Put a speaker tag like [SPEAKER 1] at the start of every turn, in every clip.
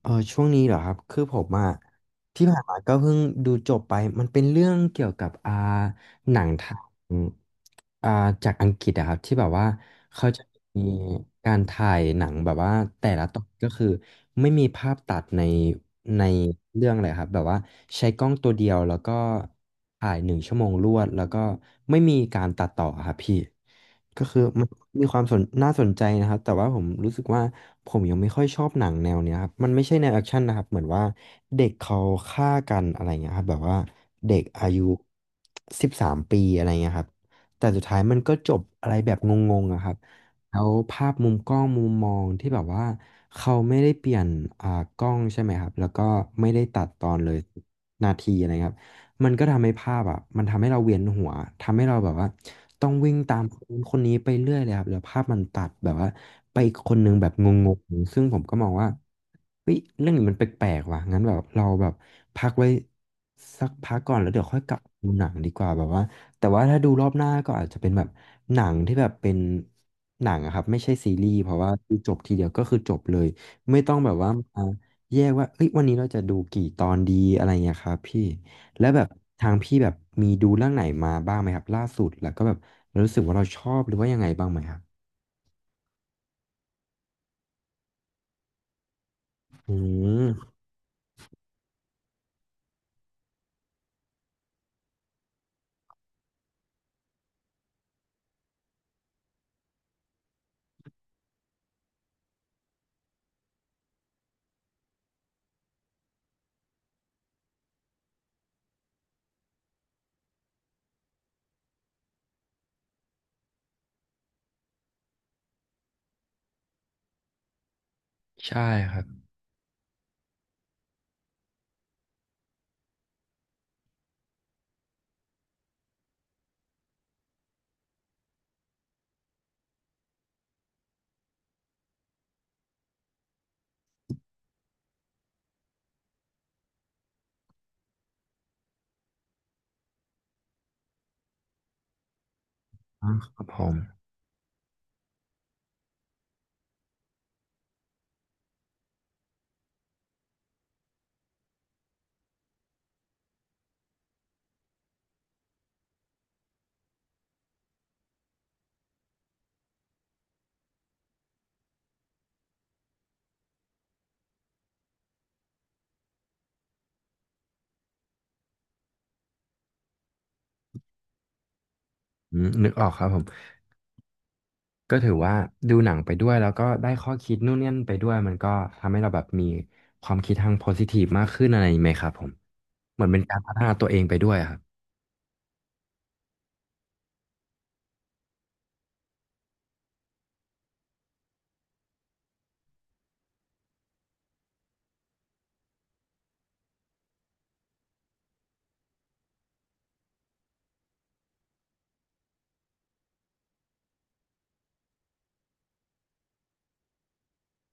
[SPEAKER 1] ช่วงนี้เหรอครับคือผมอะที่ผ่านมาก็เพิ่งดูจบไปมันเป็นเรื่องเกี่ยวกับหนังไทย อ่าจากอังกฤษอะครับที่แบบว่าเขาจะมีการถ่ายหนังแบบว่าแต่ละตอนก็คือไม่มีภาพตัดในเรื่องเลยครับแบบว่าใช้กล้องตัวเดียวแล้วก็ถ่ายหนึ่งชั่วโมงรวดแล้วก็ไม่มีการตัดต่ออะครับพี่ก็คือมันมีความน่าสนใจนะครับแต่ว่าผมรู้สึกว่าผมยังไม่ค่อยชอบหนังแนวเนี้ยครับมันไม่ใช่แนวแอคชั่นนะครับเหมือนว่าเด็กเขาฆ่ากันอะไรเงี้ยครับแบบว่าเด็กอายุ13 ปีอะไรเงี้ยครับ แต่สุดท้ายมันก็จบอะไรแบบงงๆอะครับแล้วภาพมุมกล้องมุมมองที่แบบว่าเขาไม่ได้เปลี่ยนอ่ากล้องใช่ไหมครับแล้วก็ไม่ได้ตัดตอนเลยนาทีอะไรครับมันก็ทำให้ภาพอ่ะมันทำให้เราเวียนหัวทำให้เราแบบว่าต้องวิ่งตามคนนู้นคนนี้ไปเรื่อยเลยครับแล้วภาพมันตัดแบบว่าไปอีกคนนึงแบบงงๆซึ่งผมก็มองว่าเฮ้ยเรื่องนี้มันแปลกๆว่ะงั้นแบบเราแบบพักไว้สักพักก่อนแล้วเดี๋ยวค่อยกลับดูหนังดีกว่าแบบว่า แต่ว่าถ้าดูรอบหน้าก็อาจจะเป็นแบบหนังที่แบบเป็นหนังอะครับไม่ใช่ซีรีส์เพราะว่าคือจบทีเดียวก็คือจบเลยไม่ต้องแบบว่ามาแยกว่าเอ้ยวันนี้เราจะดูกี่ตอนดีอะไรเงี้ยครับพี่แล้วแบบทางพี่แบบมีดูเรื่องไหนมาบ้างไหมครับล่าสุดแล้วก็แบบรู้สึกว่าเราชอบหรือว่ายังไงบ้างไหมครับอืมใช่ครับออครับผมอืมนึกออกครับผม ก็ถือว่าดูหนังไปด้วยแล้วก็ได้ข้อคิดนู่นนี่ยนไปด้วยมันก็ทำให้เราแบบมีความคิดทางโพซิทีฟมากขึ้นอะไรอย่างนี้ไหมครับผมเหมือนเป็นการพัฒนาตัวเองไปด้วยอะครับ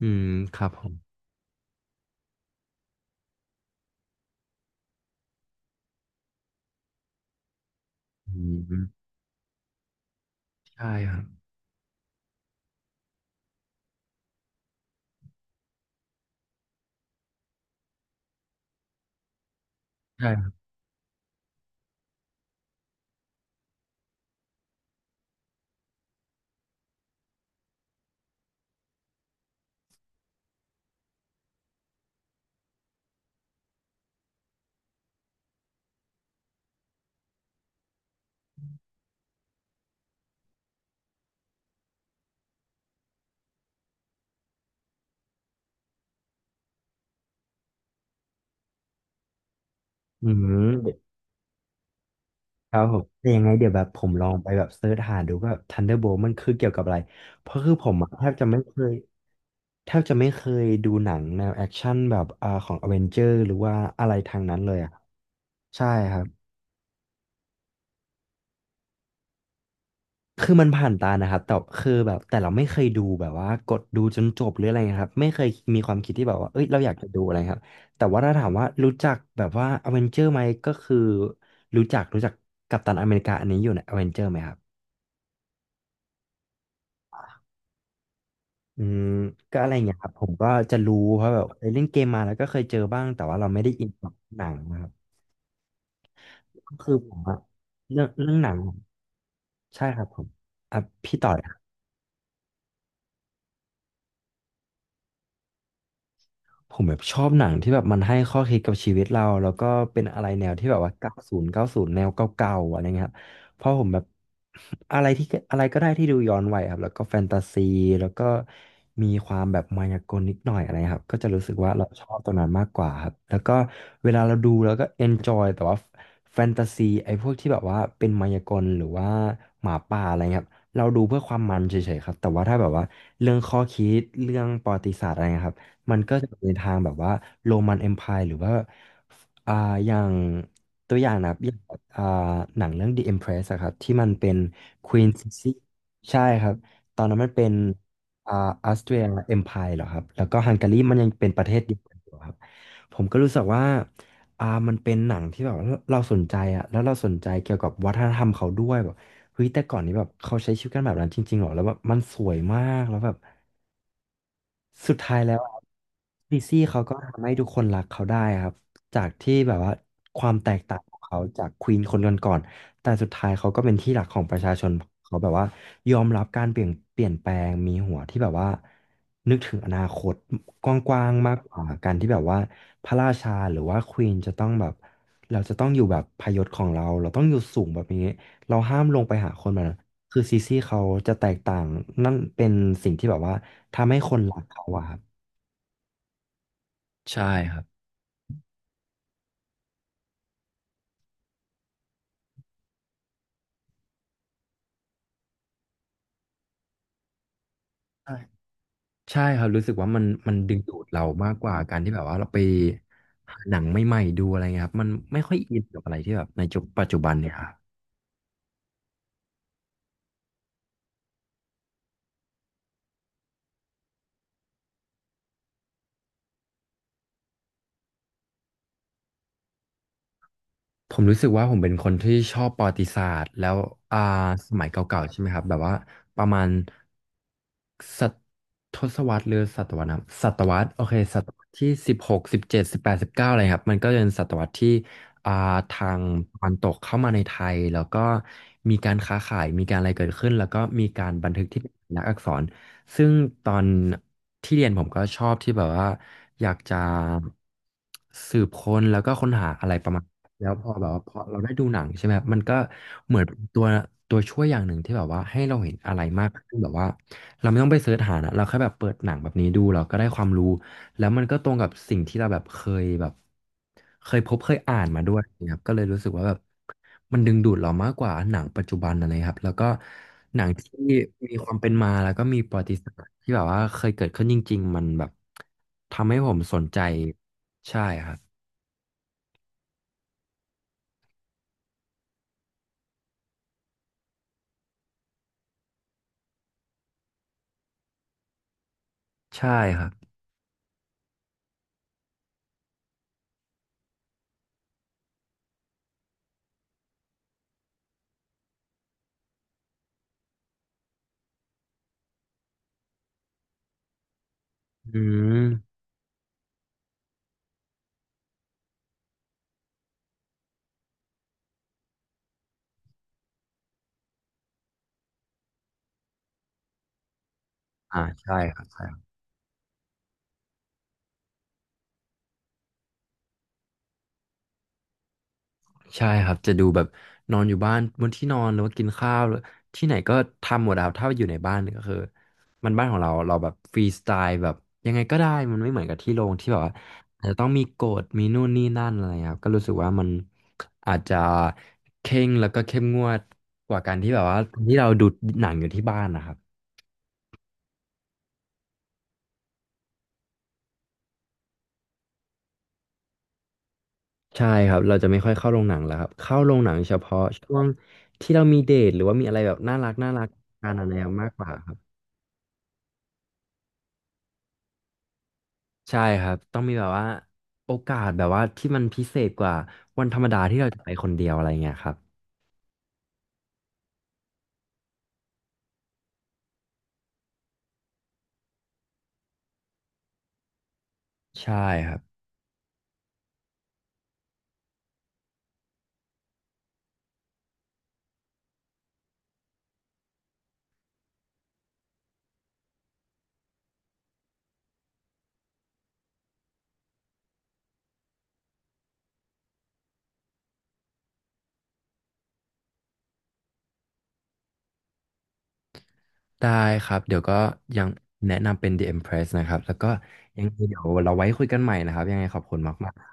[SPEAKER 1] อืมครับผมอืมใช่ครับใช่ครับอืมครับผมแต่ยังไงเดี๋ยวแบบผมลองไปแบบเซิร์ชหาดูว่า Thunderbolt มันคือเกี่ยวกับอะไรเพราะคือผมอะแทบจะไม่เคยดูหนังแนวแอคชั่นแบบของอเวนเจอร์หรือว่าอะไรทางนั้นเลยอ่ะใช่ครับ คือมันผ่านตานะครับแต่คือแบบแต่เราไม่เคยดูแบบว่ากดดูจนจบหรืออะไรนะครับไม่เคยมีความคิดที่แบบว่าเอ้ยเราอยากจะดูอะไรครับแต่ว่าถ้าถามว่ารู้จักแบบว่าอเวนเจอร์ไหมก็คือรู้จักกัปตันอเมริกาอันนี้อยู่ในอเวนเจอร์ไหมครับอืมก็อะไรอย่างเงี้ยครับผมก็จะรู้เพราะแบบเคยเล่นเกมมาแล้วก็เคยเจอบ้างแต่ว่าเราไม่ได้อินกับหนังนะครับก็คือผมอะเรื่องหนังใช่ครับผมอ่ะพี่ต่อ ผมแบบชอบหนังที่แบบมันให้ข้อคิดกับชีวิตเราแล้วก็เป็นอะไรแนวที่แบบว่า9090แนวเก่าๆอะไรเงี้ยครับเพราะผมแบบ อะไรที่อะไรก็ได้ที่ดูย้อนวัยครับแล้วก็แฟนตาซีแล้วก็มีความแบบมายากลนิดหน่อยอะไรครับก็จะรู้สึกว่าเราชอบตรงนั้นมากกว่าครับแล้วก็เวลาเราดูแล้วก็เอนจอยแต่ว่าแฟนตาซีไอ้พวกที่แบบว่าเป็นมายากลหรือว่าหมาป่าอะไรเงี้ยครับเราดูเพื่อความมันเฉยๆครับแต่ว่าถ้าแบบว่าเรื่องข้อคิดเรื่องประวัติศาสตร์อะไรเงี้ยครับ มันก็จะในทางแบบว่าโรมันเอ็มไพายหรือว่าอ่า อย่างตัวอย่างนะครับอย่างอ่าหนังเรื่อง The Empress อะครับที่มันเป็น Queen Sissi ใช่ครับ ตอนนั้นมันเป็นอ่าออสเตรียเอ็มไพายเหรอครับแล้วก็ฮังการีมันยังเป็นประเทศเดียวกันอยู่ครับ ผมก็รู้สึกว่ามันเป็นหนังที่แบบว่าเราสนใจอะแล้วเราสนใจเกี่ยวกับวัฒนธรรมเขาด้วยแบบเฮ้ยแต่ก่อนนี้แบบเขาใช้ชีวิตกันแบบนั้นจริงๆเหรอแล้วแบบมันสวยมากแล้วแบบ สุดท้ายแล้วดีซี่เขาก็ทำให้ทุกคนรักเขาได้ครับจากที่แบบว่าความแตกต่างของเขาจากควีนคนก่อนๆแต่สุดท้ายเขาก็เป็นที่รักของประชาชนเขาแบบว่ายอมรับการเปลี่ยนแปลงมีหัวที่แบบว่านึกถึงอนาคตกว้างๆมากกว่าการที่แบบว่าพระราชาหรือว่าควีนจะต้องแบบเราจะต้องอยู่แบบพยศของเราเราต้องอยู่สูงแบบนี้เราห้ามลงไปหาคนแบบนั้นคือซีซี่เขาจะแตกต่างนั่นเป็นสิ่งที่แบบว่า ทำให้คนรักเขาอะครับใช่ครับใช่ใช่ครับรู้สึกว่ามันดึงดูดเรามากกว่าการที่แบบว่าเราไปหาหนังใหม่ๆดูอะไรเงี้ยครับมันไม่ค่อยอินกับอะไรที่แบบในจุปัจจุบันเนี่ยครับ ผมรู้สึกว่าผมเป็นคนที่ชอบประวัติศาสตร์แล้วอ่าสมัยเก่าๆใช่ไหมครับแบบว่าประมาณศตทศวรรษหรือศตวรรษนะศตวรรษโอเคศตวรรษที่16171819อะไรครับมันก็เป็นศตวรรษที่อ่าทางตะวันตกเข้ามาในไทยแล้วก็มีการค้าขายมีการอะไรเกิดขึ้นแล้วก็มีการบันทึกที่เป็นลักษณ์อักษรซึ่งตอนที่เรียนผมก็ชอบที่แบบว่าอยากจะสืบค้นแล้วก็ค้นหาอะไรประมาณ แล้วพอแบบว่าพอเราได้ดูหนังใช่ไหมครับมันก็เหมือนเป็นตัวช่วยอย่างหนึ่งที่แบบว่าให้เราเห็นอะไรมากขึ้นแบบว่าเราไม่ต้องไปเสิร์ชหานะเราแค่แบบเปิดหนังแบบนี้ดูเราก็ได้ความรู้แล้วมันก็ตรงกับสิ่งที่เราแบบเคยแบบเคยพบเคยอ่านมาด้วยนะครับก็เลยรู้สึกว่าแบบมันดึงดูดเรามากกว่าหนังปัจจุบันอะไรครับแล้วก็หนังที่มีความเป็นมาแล้วก็มีประวัติศาสตร์ที่แบบว่าเคยเกิดขึ้นจริงๆมันแบบทำให้ผมสนใจใช่ครับใช่ครับอืม ใช่ครับใช่ครับใช่ครับจะดูแบบนอนอยู่บ้านบนที่นอนหรือว่ากินข้าวหรือที่ไหนก็ทำหมดแล้วถ้าอยู่ในบ้านก็คือมันบ้านของเราเราแบบฟรีสไตล์แบบยังไงก็ได้มันไม่เหมือนกับที่โรงที่แบบว่าอาจจะต้องมีกฎมีนู่นนี่นั่นอะไรครับก็รู้สึกว่ามันอาจจะเคร่งแล้วก็เข้มงวดกว่าการที่แบบว่าที่เราดูหนังอยู่ที่บ้านนะครับใช่ครับเราจะไม่ค่อยเข้าโรงหนังแล้วครับเข้าโรงหนังเฉพาะช่วงที่เรามีเดทหรือว่ามีอะไรแบบน่ารักน่ารักกันอะไรมากกว่าครับ ใช่ครับ ต้องมีแบบว่าโอกาสแบบว่าที่มันพิเศษกว่าวันธรรมดาที่เราจะไปคนเดียวอะไรเงี้ยครับ ใช่ครับ ได้ครับเดี๋ยวก็ยังแนะนำเป็น The Empress นะครับ แล้วก็ยังไงเดี๋ยวเราไว้คุยกันใหม่นะครับ ยังไงขอบคุณมากๆ